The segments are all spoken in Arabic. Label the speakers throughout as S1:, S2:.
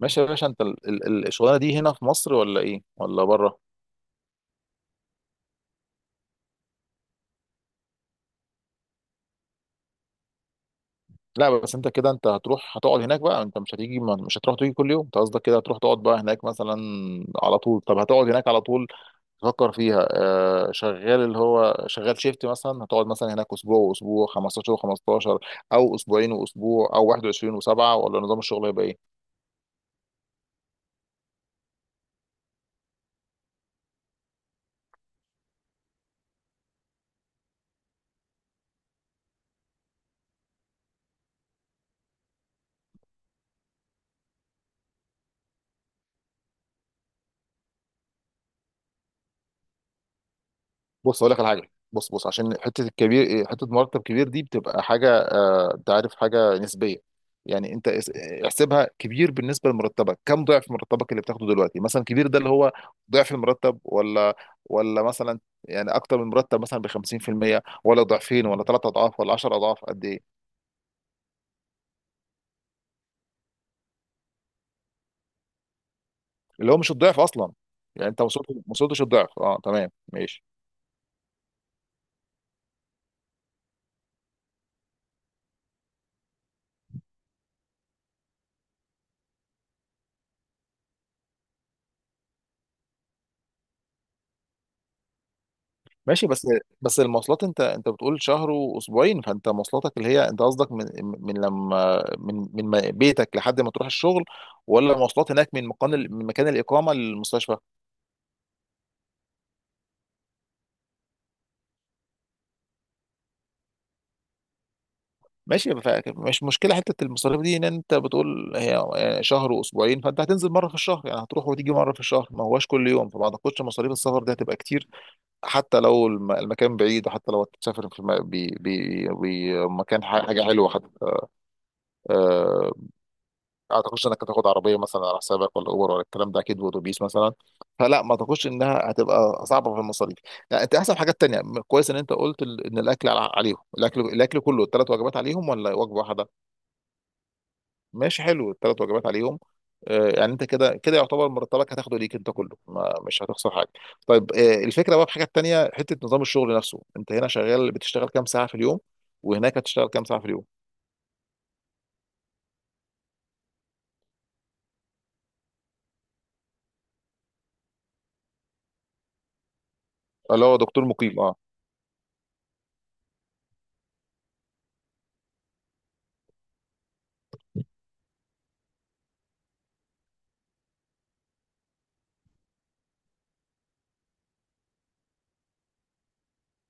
S1: ماشي يا باشا، انت الشغلانه دي هنا في مصر ولا ايه ولا بره؟ لا بس انت كده انت هتروح هتقعد هناك بقى، انت مش هتيجي، مش هتروح تيجي كل يوم. انت قصدك كده هتروح تقعد بقى هناك مثلا على طول؟ طب هتقعد هناك على طول تفكر فيها؟ شغال، اللي هو شغال شيفت مثلا، هتقعد مثلا هناك اسبوع واسبوع، 15 و15، او اسبوعين واسبوع، او 21 و7، ولا نظام الشغل هيبقى ايه؟ بص اقول لك على حاجه، بص عشان حته الكبير إيه، حته مرتب كبير دي بتبقى حاجه، انت عارف، حاجه نسبيه. يعني انت احسبها كبير بالنسبه لمرتبك. كم ضعف مرتبك اللي بتاخده دلوقتي؟ مثلا كبير ده اللي هو ضعف المرتب، ولا ولا مثلا، يعني اكتر من مرتب مثلا ب 50%، ولا ضعفين، ولا ثلاث اضعاف، ولا 10 اضعاف، قد ايه؟ اللي هو مش الضعف اصلا. يعني انت ما وصلتش الضعف. اه، تمام، ماشي. ماشي بس بس المواصلات، انت بتقول شهر واسبوعين، فانت مواصلاتك اللي هي انت قصدك، من لما من من ما- بيتك لحد ما تروح الشغل، ولا مواصلات هناك من مكان الاقامه للمستشفى؟ ماشي، مش مشكله. حته المصاريف دي، ان انت بتقول هي شهر واسبوعين، فانت هتنزل مره في الشهر، يعني هتروح وتيجي مره في الشهر، ما هواش كل يوم، فما اعتقدش مصاريف السفر دي هتبقى كتير. حتى لو المكان بعيد، وحتى لو هتسافر في مكان حاجه حلوه حتى، آه، اعتقدش انك هتاخد عربيه مثلا على حسابك، ولا اوبر ولا الكلام ده، اكيد واتوبيس مثلا. فلا، ما اعتقدش انها هتبقى صعبه في المصاريف، لا. انت احسن حاجات تانية. كويس ان انت قلت ان الاكل عليهم. الاكل الاكل كله الثلاث وجبات عليهم، ولا وجبه واحده؟ ماشي، حلو، الثلاث وجبات عليهم. يعني انت كده كده يعتبر مرتبك هتاخده ليك انت كله، ما مش هتخسر حاجه. طيب، الفكره بقى في حاجه تانية، حته نظام الشغل نفسه. انت هنا شغال بتشتغل كام ساعه في اليوم، وهناك هتشتغل كام ساعه في اليوم؟ اللي هو دكتور مقيم،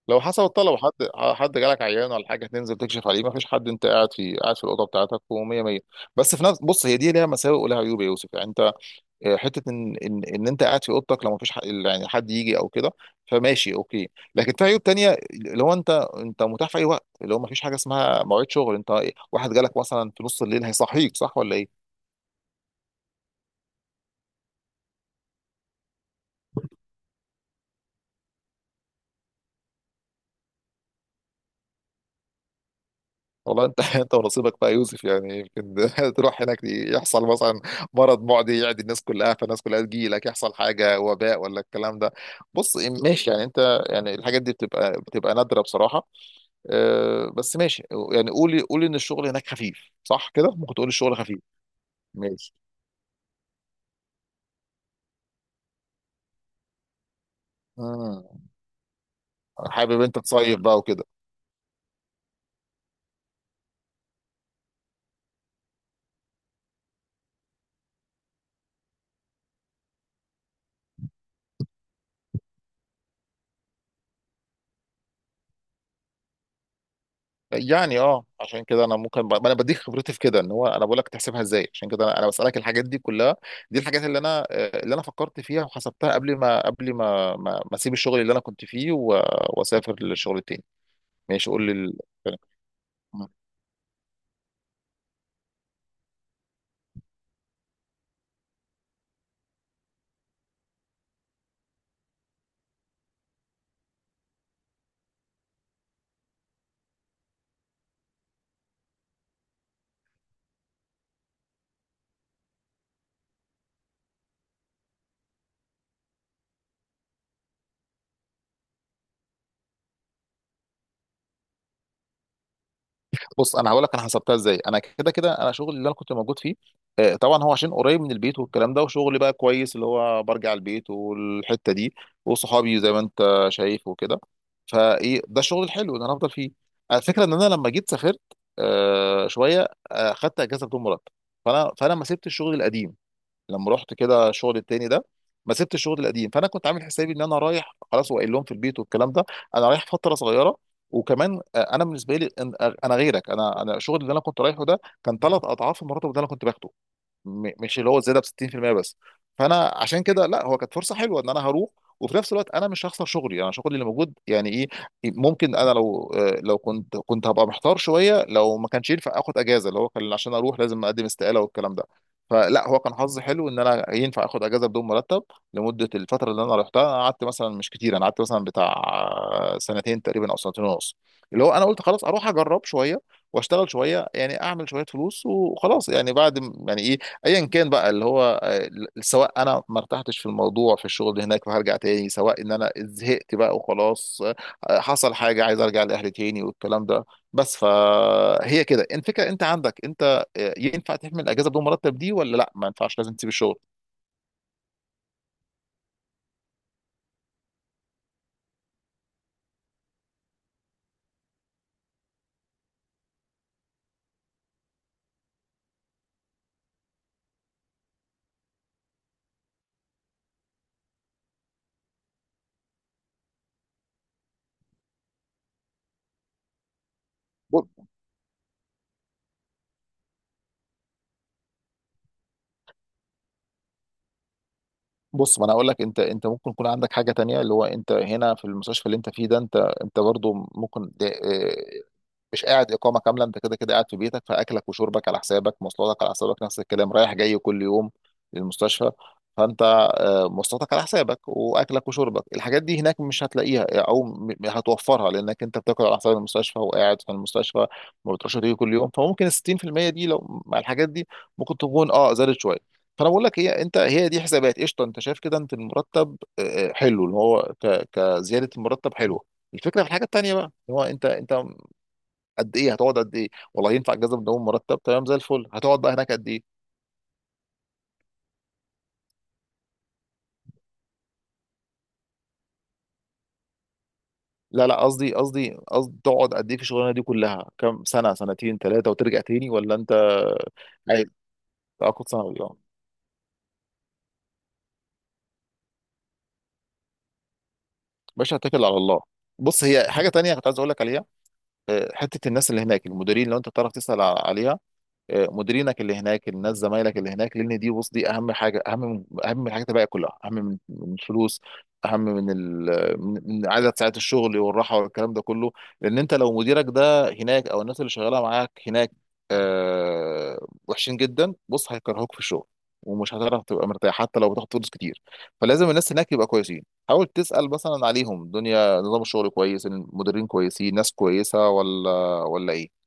S1: لو حسب الطلب، حد حد جالك عيان ولا حاجه تنزل تكشف عليه، ما فيش حد انت قاعد في الاوضه بتاعتك ومية مية. بس في نفس، بص هي دي ليها مساوئ ولها عيوب يا يوسف. يعني انت، حته ان إن انت قاعد في اوضتك لو ما فيش حق يعني حد يجي او كده، فماشي اوكي. لكن في عيوب تانية، اللي هو انت انت متاح في اي وقت، اللي هو ما فيش حاجه اسمها مواعيد شغل. انت واحد جالك مثلا في نص الليل هيصحيك، صح ولا ايه؟ والله انت انت ونصيبك بقى يا يوسف. يعني يمكن تروح هناك يحصل مثلا مرض معدي يعدي الناس كلها، فالناس كلها تجي لك، يحصل حاجه وباء ولا الكلام ده. بص، ماشي، يعني انت يعني الحاجات دي بتبقى نادره بصراحه. اه، بس ماشي. يعني قولي ان الشغل هناك خفيف، صح كده؟ ممكن تقولي الشغل خفيف. ماشي. مم. حابب انت تصيف بقى وكده. يعني اه، عشان كده انا ممكن انا بديك خبرتي في كده، ان هو انا بقول لك تحسبها ازاي. عشان كده أنا بسالك الحاجات دي كلها. دي الحاجات اللي انا، اللي انا فكرت فيها وحسبتها، قبل ما اسيب الشغل اللي انا كنت فيه، و واسافر للشغل التاني. ماشي قول لي. بص انا هقول لك انا حسبتها ازاي. انا كده كده انا شغلي اللي انا كنت موجود فيه، طبعا هو عشان قريب من البيت والكلام ده، وشغلي بقى كويس، اللي هو برجع البيت والحته دي وصحابي زي ما انت شايف وكده، فايه ده الشغل الحلو اللي انا هفضل فيه. الفكره ان انا لما جيت سافرت، شويه، خدت اجازه بدون مرتب. فانا ما سبت الشغل القديم لما رحت كده شغل التاني ده، ما سبت الشغل القديم. فانا كنت عامل حسابي ان انا رايح خلاص، وقايل لهم في البيت والكلام ده انا رايح فتره صغيره. وكمان، انا بالنسبه لي انا غيرك، انا الشغل اللي انا كنت رايحه ده كان ثلاث اضعاف المرتب اللي انا كنت باخده، مش اللي هو زياده ب 60% بس. فانا عشان كده لا، هو كانت فرصه حلوه ان انا هروح، وفي نفس الوقت انا مش هخسر شغلي، انا شغلي اللي موجود يعني ايه. ممكن انا لو، لو كنت هبقى محتار شويه لو ما كانش ينفع اخد اجازه، اللي هو كان عشان اروح لازم اقدم استقاله والكلام ده. فلا، هو كان حظي حلو ان انا ينفع اخد اجازه بدون مرتب لمده الفتره اللي انا رحتها. انا قعدت مثلا مش كتير، انا قعدت مثلا بتاع، سنتين تقريبا او سنتين ونص. اللي هو انا قلت خلاص اروح اجرب شويه واشتغل شويه، يعني اعمل شويه فلوس وخلاص. يعني بعد يعني ايه، ايا كان بقى اللي هو، سواء انا ما ارتحتش في الموضوع في الشغل هناك فهرجع تاني، سواء ان انا زهقت بقى وخلاص، حصل حاجه عايز ارجع لاهلي تاني والكلام ده. بس فهي كده الفكره. انت عندك انت، ينفع تحمل اجازه بدون مرتب دي ولا لا ما ينفعش لازم تسيب الشغل؟ ب- بص ما انا اقول لك، انت ممكن يكون عندك حاجه تانية، اللي هو انت هنا في المستشفى اللي انت فيه ده، انت برضو ممكن مش قاعد اقامه كامله، انت كده كده قاعد في بيتك، فاكلك وشربك على حسابك، مواصلاتك على حسابك، نفس الكلام، رايح جاي كل يوم للمستشفى. فانت، مواصلاتك على حسابك واكلك وشربك، الحاجات دي هناك مش هتلاقيها، او هتوفرها لانك انت بتاكل على حساب المستشفى وقاعد في المستشفى، ما بتروحش تيجي كل يوم. فممكن ال 60% دي لو مع الحاجات دي ممكن تكون اه زادت شويه. فانا بقول لك هي، انت هي دي حسابات قشطه، انت شايف كده. انت المرتب حلو، اللي هو كزياده، المرتب حلوه. الفكره في الحاجه التانيه بقى، اللي هو انت انت قد ايه هتقعد؟ قد ايه؟ والله ينفع اجازه من اول مرتب، تمام زي الفل. هتقعد بقى هناك قد ايه؟ لا لا، قصدي تقعد قد ايه في الشغلانه دي كلها؟ كام سنه، سنتين ثلاثه وترجع تاني، ولا انت عايز تاخد سنه ولا مش هتكل على الله؟ بص هي حاجه تانية كنت عايز اقول لك عليها، حته الناس اللي هناك المديرين، لو انت تعرف تسال عليها. مديرينك اللي هناك، الناس زمايلك اللي هناك، لان دي بص دي اهم حاجه، اهم من الحاجات الباقيه كلها، اهم من الفلوس، اهم من ال... من من عدد ساعات الشغل والراحه والكلام ده كله. لان انت لو مديرك ده هناك او الناس اللي شغاله معاك هناك وحشين جدا، بص هيكرهوك في الشغل ومش هتعرف تبقى مرتاح حتى لو بتاخد فلوس كتير. فلازم الناس هناك يبقى كويسين. حاول تسأل مثلا عليهم، دنيا نظام الشغل كويس، المديرين كويسين، ناس كويسة، ولا ولا ايه؟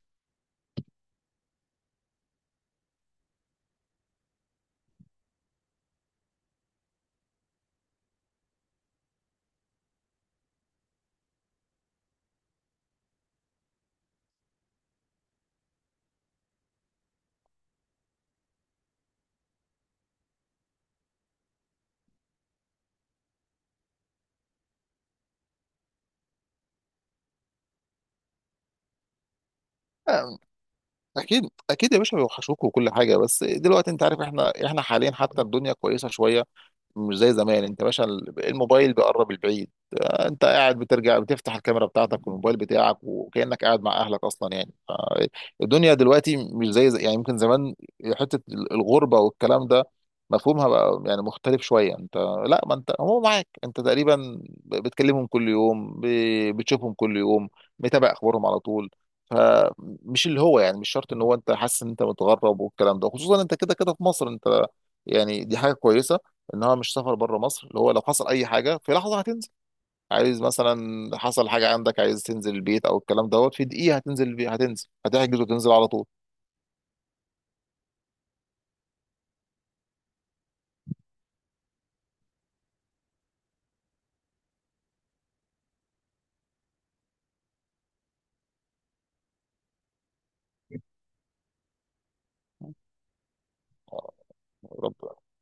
S1: اكيد اكيد يا باشا بيوحشوك وكل حاجه، بس دلوقتي انت عارف احنا، احنا حاليا حتى الدنيا كويسه شويه، مش زي زمان. انت باشا الموبايل بيقرب البعيد، انت قاعد بترجع بتفتح الكاميرا بتاعتك والموبايل بتاعك وكأنك قاعد مع اهلك اصلا. يعني الدنيا دلوقتي مش يعني يمكن زمان حتة الغربة والكلام ده مفهومها بقى يعني مختلف شوية. انت لا، ما انت هو معاك انت تقريبا بتكلمهم كل يوم، بتشوفهم كل يوم، متابع اخبارهم على طول. فمش اللي هو يعني مش شرط ان هو انت حاسس ان انت متغرب والكلام ده، خصوصا انت كده كده في مصر انت. يعني دي حاجة كويسة انها مش سفر بره مصر، اللي هو لو حصل اي حاجه في لحظه هتنزل. عايز مثلا حصل حاجه عندك عايز تنزل البيت او الكلام دوت، في دقيقه هتنزل البيت، هتنزل هتحجز وتنزل على طول. آه، رب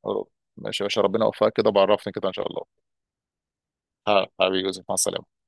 S1: رب ماشي يا باشا ربنا يوفقك، كده بعرفني كده ان شاء الله. ها- حبيبي يوسف مع السلامه.